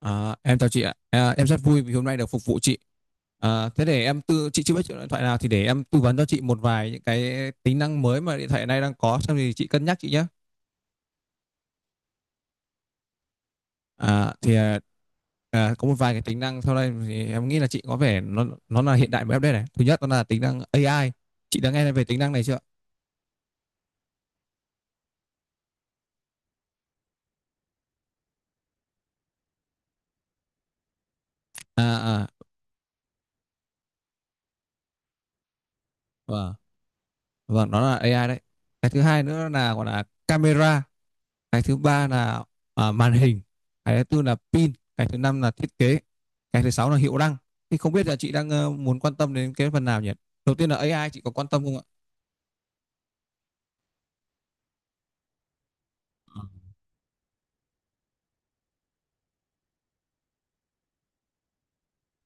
Em chào chị ạ. Em rất vui vì hôm nay được phục vụ chị. Thế để em tư chị chưa biết chọn điện thoại nào thì để em tư vấn cho chị một vài những cái tính năng mới mà điện thoại này đang có xong thì chị cân nhắc chị nhé. À, thì à, có một vài cái tính năng sau đây thì em nghĩ là chị có vẻ nó là hiện đại và update này. Thứ nhất đó là tính năng AI. Chị đã nghe về tính năng này chưa? À à. Vâng, đó là AI đấy. Cái thứ hai nữa là gọi là camera. Cái thứ ba là màn hình. Cái thứ tư là pin. Cái thứ năm là thiết kế. Cái thứ sáu là hiệu năng. Thì không biết là chị đang muốn quan tâm đến cái phần nào nhỉ? Đầu tiên là AI, chị có quan tâm không ạ?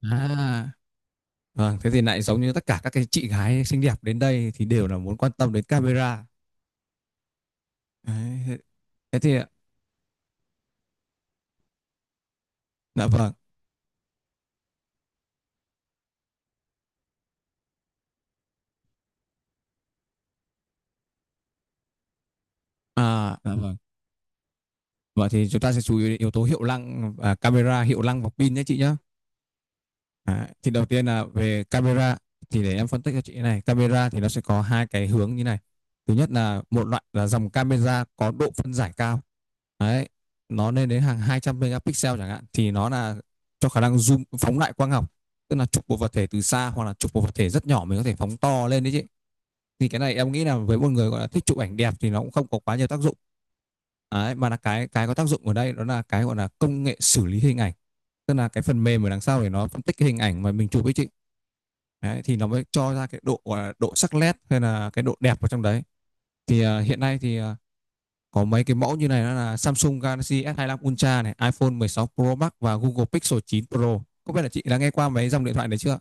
à vâng, thế thì lại giống như tất cả các cái chị gái xinh đẹp đến đây thì đều là muốn quan tâm đến camera. Đấy, thế thế thì dạ vâng. Dạ vâng. Vậy thì chúng ta sẽ chú ý đến yếu tố hiệu năng, camera, hiệu năng và pin nhé chị nhé. Thì đầu tiên là về camera, thì để em phân tích cho chị này. Camera thì nó sẽ có hai cái hướng như này. Thứ nhất là một loại là dòng camera có độ phân giải cao đấy, nó lên đến hàng 200 megapixel chẳng hạn, thì nó là cho khả năng zoom phóng đại quang học, tức là chụp một vật thể từ xa hoặc là chụp một vật thể rất nhỏ mình có thể phóng to lên đấy chị. Thì cái này em nghĩ là với một người gọi là thích chụp ảnh đẹp thì nó cũng không có quá nhiều tác dụng. Đấy, mà là cái có tác dụng ở đây đó là cái gọi là công nghệ xử lý hình ảnh. Tức là cái phần mềm ở đằng sau để nó phân tích cái hình ảnh mà mình chụp ấy chị. Đấy, thì nó mới cho ra cái độ gọi là độ sắc nét hay là cái độ đẹp ở trong đấy. Hiện nay thì có mấy cái mẫu như này, đó là Samsung Galaxy S25 Ultra này, iPhone 16 Pro Max và Google Pixel 9 Pro. Không biết là chị đã nghe qua mấy dòng điện thoại đấy chưa?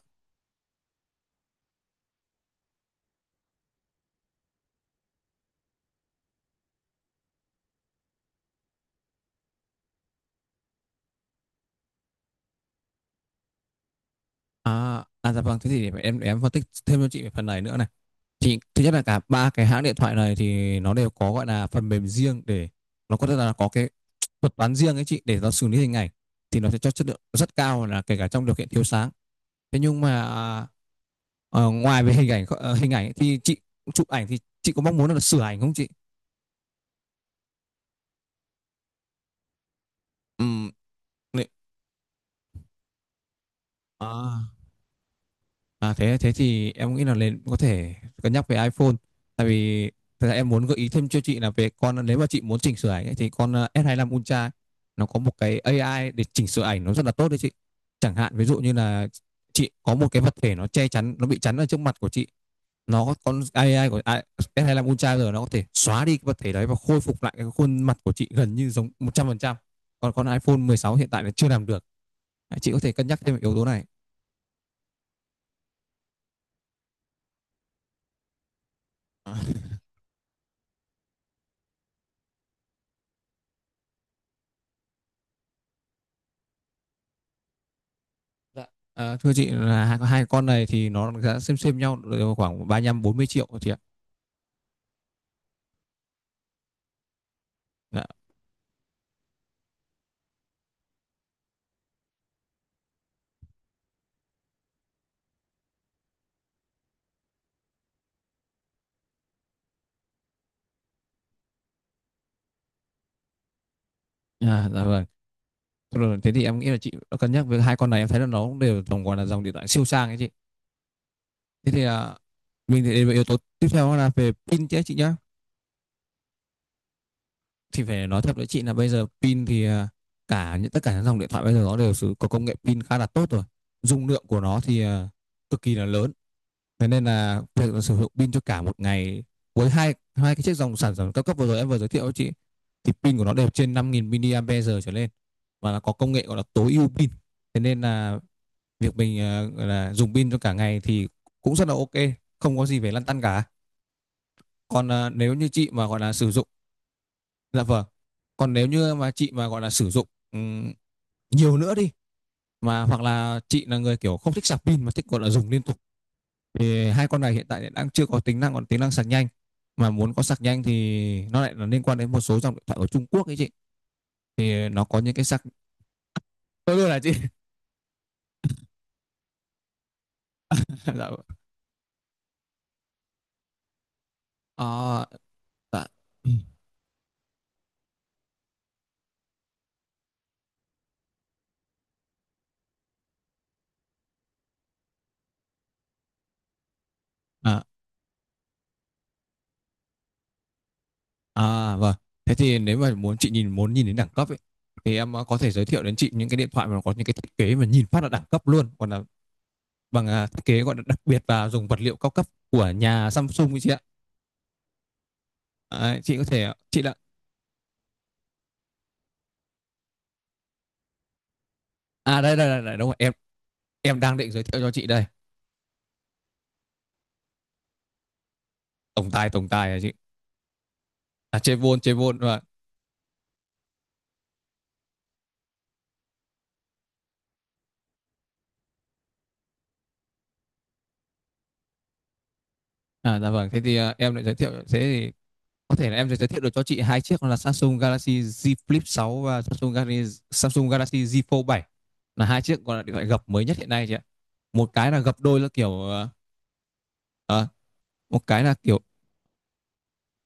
Dạ vâng, thế thì để em phân tích thêm cho chị về phần này nữa này. Thì thứ nhất là cả ba cái hãng điện thoại này thì nó đều có gọi là phần mềm riêng để nó có rất là có cái thuật toán riêng ấy chị để nó xử lý hình ảnh, thì nó sẽ cho chất lượng rất cao là kể cả trong điều kiện thiếu sáng. Thế nhưng mà ờ, ngoài về hình ảnh hình ảnh ấy, thì chị chụp ảnh thì chị có mong muốn là sửa ảnh không chị? Ừ. nị- À. Thế thế thì em nghĩ là nên có thể cân nhắc về iPhone, tại vì thật ra em muốn gợi ý thêm cho chị là về con nếu mà chị muốn chỉnh sửa ảnh ấy, thì con S25 Ultra ấy, nó có một cái AI để chỉnh sửa ảnh nó rất là tốt đấy chị. Chẳng hạn ví dụ như là chị có một cái vật thể nó che chắn nó bị chắn ở trước mặt của chị, nó có con AI S25 Ultra rồi nó có thể xóa đi cái vật thể đấy và khôi phục lại cái khuôn mặt của chị gần như giống 100%. Còn con iPhone 16 hiện tại là chưa làm được. Chị có thể cân nhắc thêm về yếu tố này. Dạ. Thưa chị là hai con này thì nó giá xem nhau đều khoảng 35 40 triệu chị ạ. Dạ. Dạ vâng. Rồi, thế thì em nghĩ là chị đã cân nhắc với hai con này, em thấy là nó cũng đều tổng gọi là dòng điện thoại siêu sang ấy chị. Thế thì à, mình thì đến với yếu tố tiếp theo là về pin chứ chị nhá. Thì phải nói thật với chị là bây giờ pin thì cả những tất cả những dòng điện thoại bây giờ nó đều sử có công nghệ pin khá là tốt rồi. Dung lượng của nó thì cực kỳ là lớn. Thế nên là việc là sử dụng pin cho cả một ngày với hai hai cái chiếc dòng sản phẩm cao cấp vừa rồi em vừa giới thiệu cho chị thì pin của nó đều trên 5.000 mAh trở lên và nó có công nghệ gọi là tối ưu pin. Thế nên là việc mình là dùng pin cho cả ngày thì cũng rất là ok, không có gì phải lăn tăn cả. Còn nếu như chị mà gọi là sử dụng dạ vâng. Còn nếu như mà chị mà gọi là sử dụng ừm, nhiều nữa đi, mà hoặc là chị là người kiểu không thích sạc pin mà thích gọi là dùng liên tục, thì hai con này hiện tại đang chưa có tính năng còn tính năng sạc nhanh. Mà muốn có sạc nhanh thì nó lại là liên quan đến một số dòng điện thoại ở Trung Quốc ấy chị, thì nó có những cái sạc tôi luôn là chị. Dạ. à, dạ. à, vâng, thế thì nếu mà muốn chị nhìn muốn nhìn đến đẳng cấp ấy, thì em có thể giới thiệu đến chị những cái điện thoại mà có những cái thiết kế mà nhìn phát là đẳng cấp luôn, còn là bằng thiết kế gọi là đặc biệt và dùng vật liệu cao cấp của nhà Samsung ấy chị ạ. Đấy, chị có thể chị là đây đây đây, đây đúng rồi em. Em đang định giới thiệu cho chị đây. Tổng tài tổng tài à chị. Chevron, Chevron và dạ vâng, thế thì em lại giới thiệu thế thì có thể là em sẽ giới thiệu được cho chị hai chiếc đó là Samsung Galaxy Z Flip 6 và Samsung Galaxy Z Fold 7 là hai chiếc gọi là điện thoại gập mới nhất hiện nay chị ạ. Một cái là gập đôi là kiểu à, à, một cái là kiểu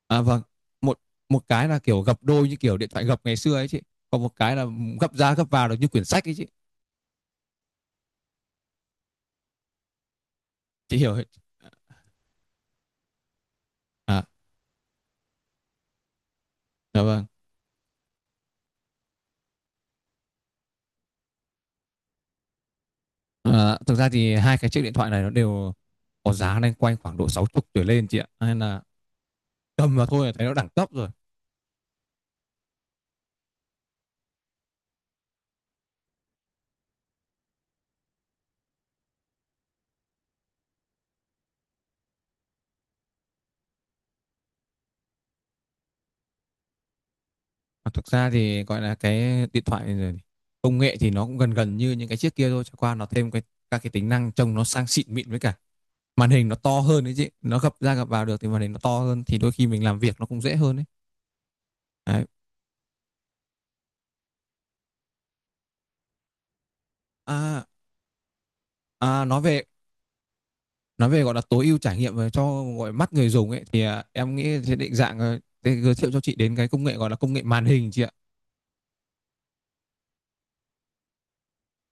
vâng, một một cái là kiểu gập đôi như kiểu điện thoại gập ngày xưa ấy chị. Còn một cái là gập ra gập vào được như quyển sách ấy chị. Chị hiểu ấy. À dạ vâng. Thực ra thì hai cái chiếc điện thoại này nó đều có giá lên quanh khoảng độ 60 tuổi lên chị ạ. Nên là cầm vào thôi là thấy nó đẳng cấp rồi. Mà thực ra thì gọi là cái điện thoại rồi công nghệ thì nó cũng gần gần như những cái chiếc kia thôi, chẳng qua nó thêm cái các cái tính năng trông nó sang xịn mịn, với cả màn hình nó to hơn đấy chứ, nó gập ra gập vào được thì màn hình nó to hơn thì đôi khi mình làm việc nó cũng dễ hơn đấy, đấy. À, à nói về nói về gọi là tối ưu trải nghiệm về cho gọi mắt người dùng ấy thì em nghĩ sẽ định dạng giới thiệu cho chị đến cái công nghệ gọi là công nghệ màn hình chị ạ.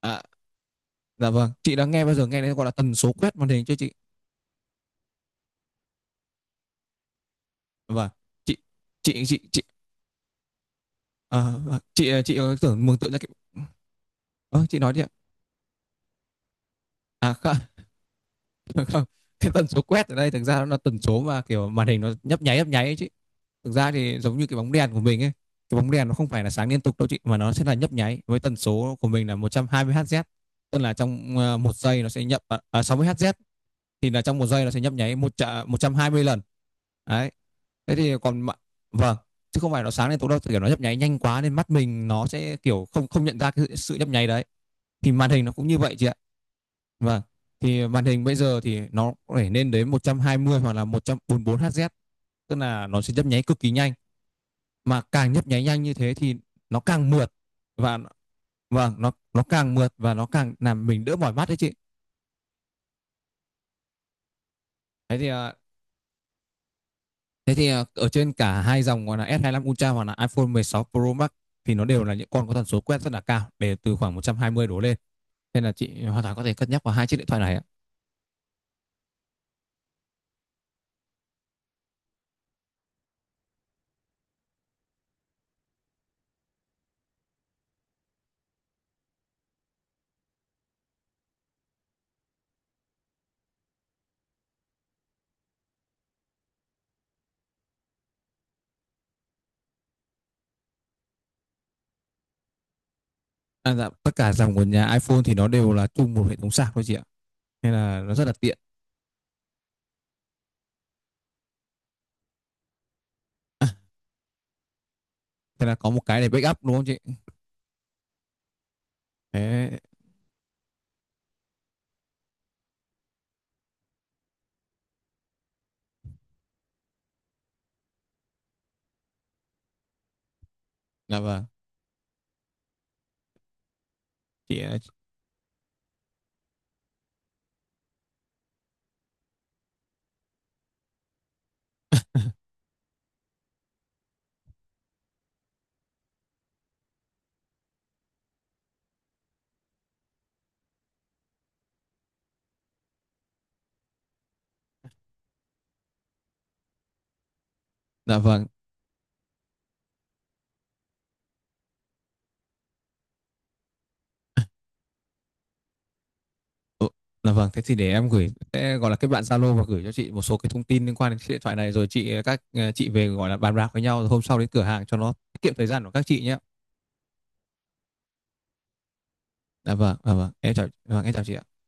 à, dạ vâng, chị đã nghe bao giờ nghe đến gọi là tần số quét màn hình chưa chị? Dạ vâng, chị chị. Ờ, chị, chị, tưởng mường tượng ra cái ờ, chị nói đi ạ. À, kha Được không, cái tần số quét ở đây thực ra nó là tần số mà kiểu màn hình nó nhấp nháy ấy chứ thực ra thì giống như cái bóng đèn của mình ấy. Cái bóng đèn nó không phải là sáng liên tục đâu chị, mà nó sẽ là nhấp nháy với tần số của mình là 120 Hz, tức là trong một giây nó sẽ nhấp 60 Hz, thì là trong một giây nó sẽ nhấp nháy 120 lần đấy. Thế thì còn vâng, chứ không phải nó sáng liên tục đâu, kiểu nó nhấp nháy nhanh quá nên mắt mình nó sẽ kiểu không không nhận ra cái sự nhấp nháy đấy, thì màn hình nó cũng như vậy chị ạ. Vâng, thì màn hình bây giờ thì nó phải lên đến 120 hoặc là 144 Hz, tức là nó sẽ nhấp nháy cực kỳ nhanh, mà càng nhấp nháy nhanh như thế thì nó càng mượt và vâng nó càng mượt và nó càng làm mình đỡ mỏi mắt đấy chị. thế thì à, Thế thì ở trên cả hai dòng gọi là S25 Ultra hoặc là iPhone 16 Pro Max thì nó đều là những con có tần số quét rất là cao để từ khoảng 120 đổ lên, nên là chị hoàn toàn có thể cân nhắc vào hai chiếc điện thoại này ạ. Dạ, tất cả dòng của nhà iPhone thì nó đều là chung một hệ thống sạc thôi chị ạ, nên là nó rất là tiện. Thế là có một cái để backup đúng không chị? Thế là vâng. Chị là vâng. Ừ, là vâng, thế thì để em gửi sẽ gọi là kết bạn Zalo và gửi cho chị một số cái thông tin liên quan đến chiếc điện thoại này rồi chị các chị về gọi là bàn bạc với nhau rồi hôm sau đến cửa hàng cho nó tiết kiệm thời gian của các chị nhé. Là vâng, là vâng, em chào chị ạ.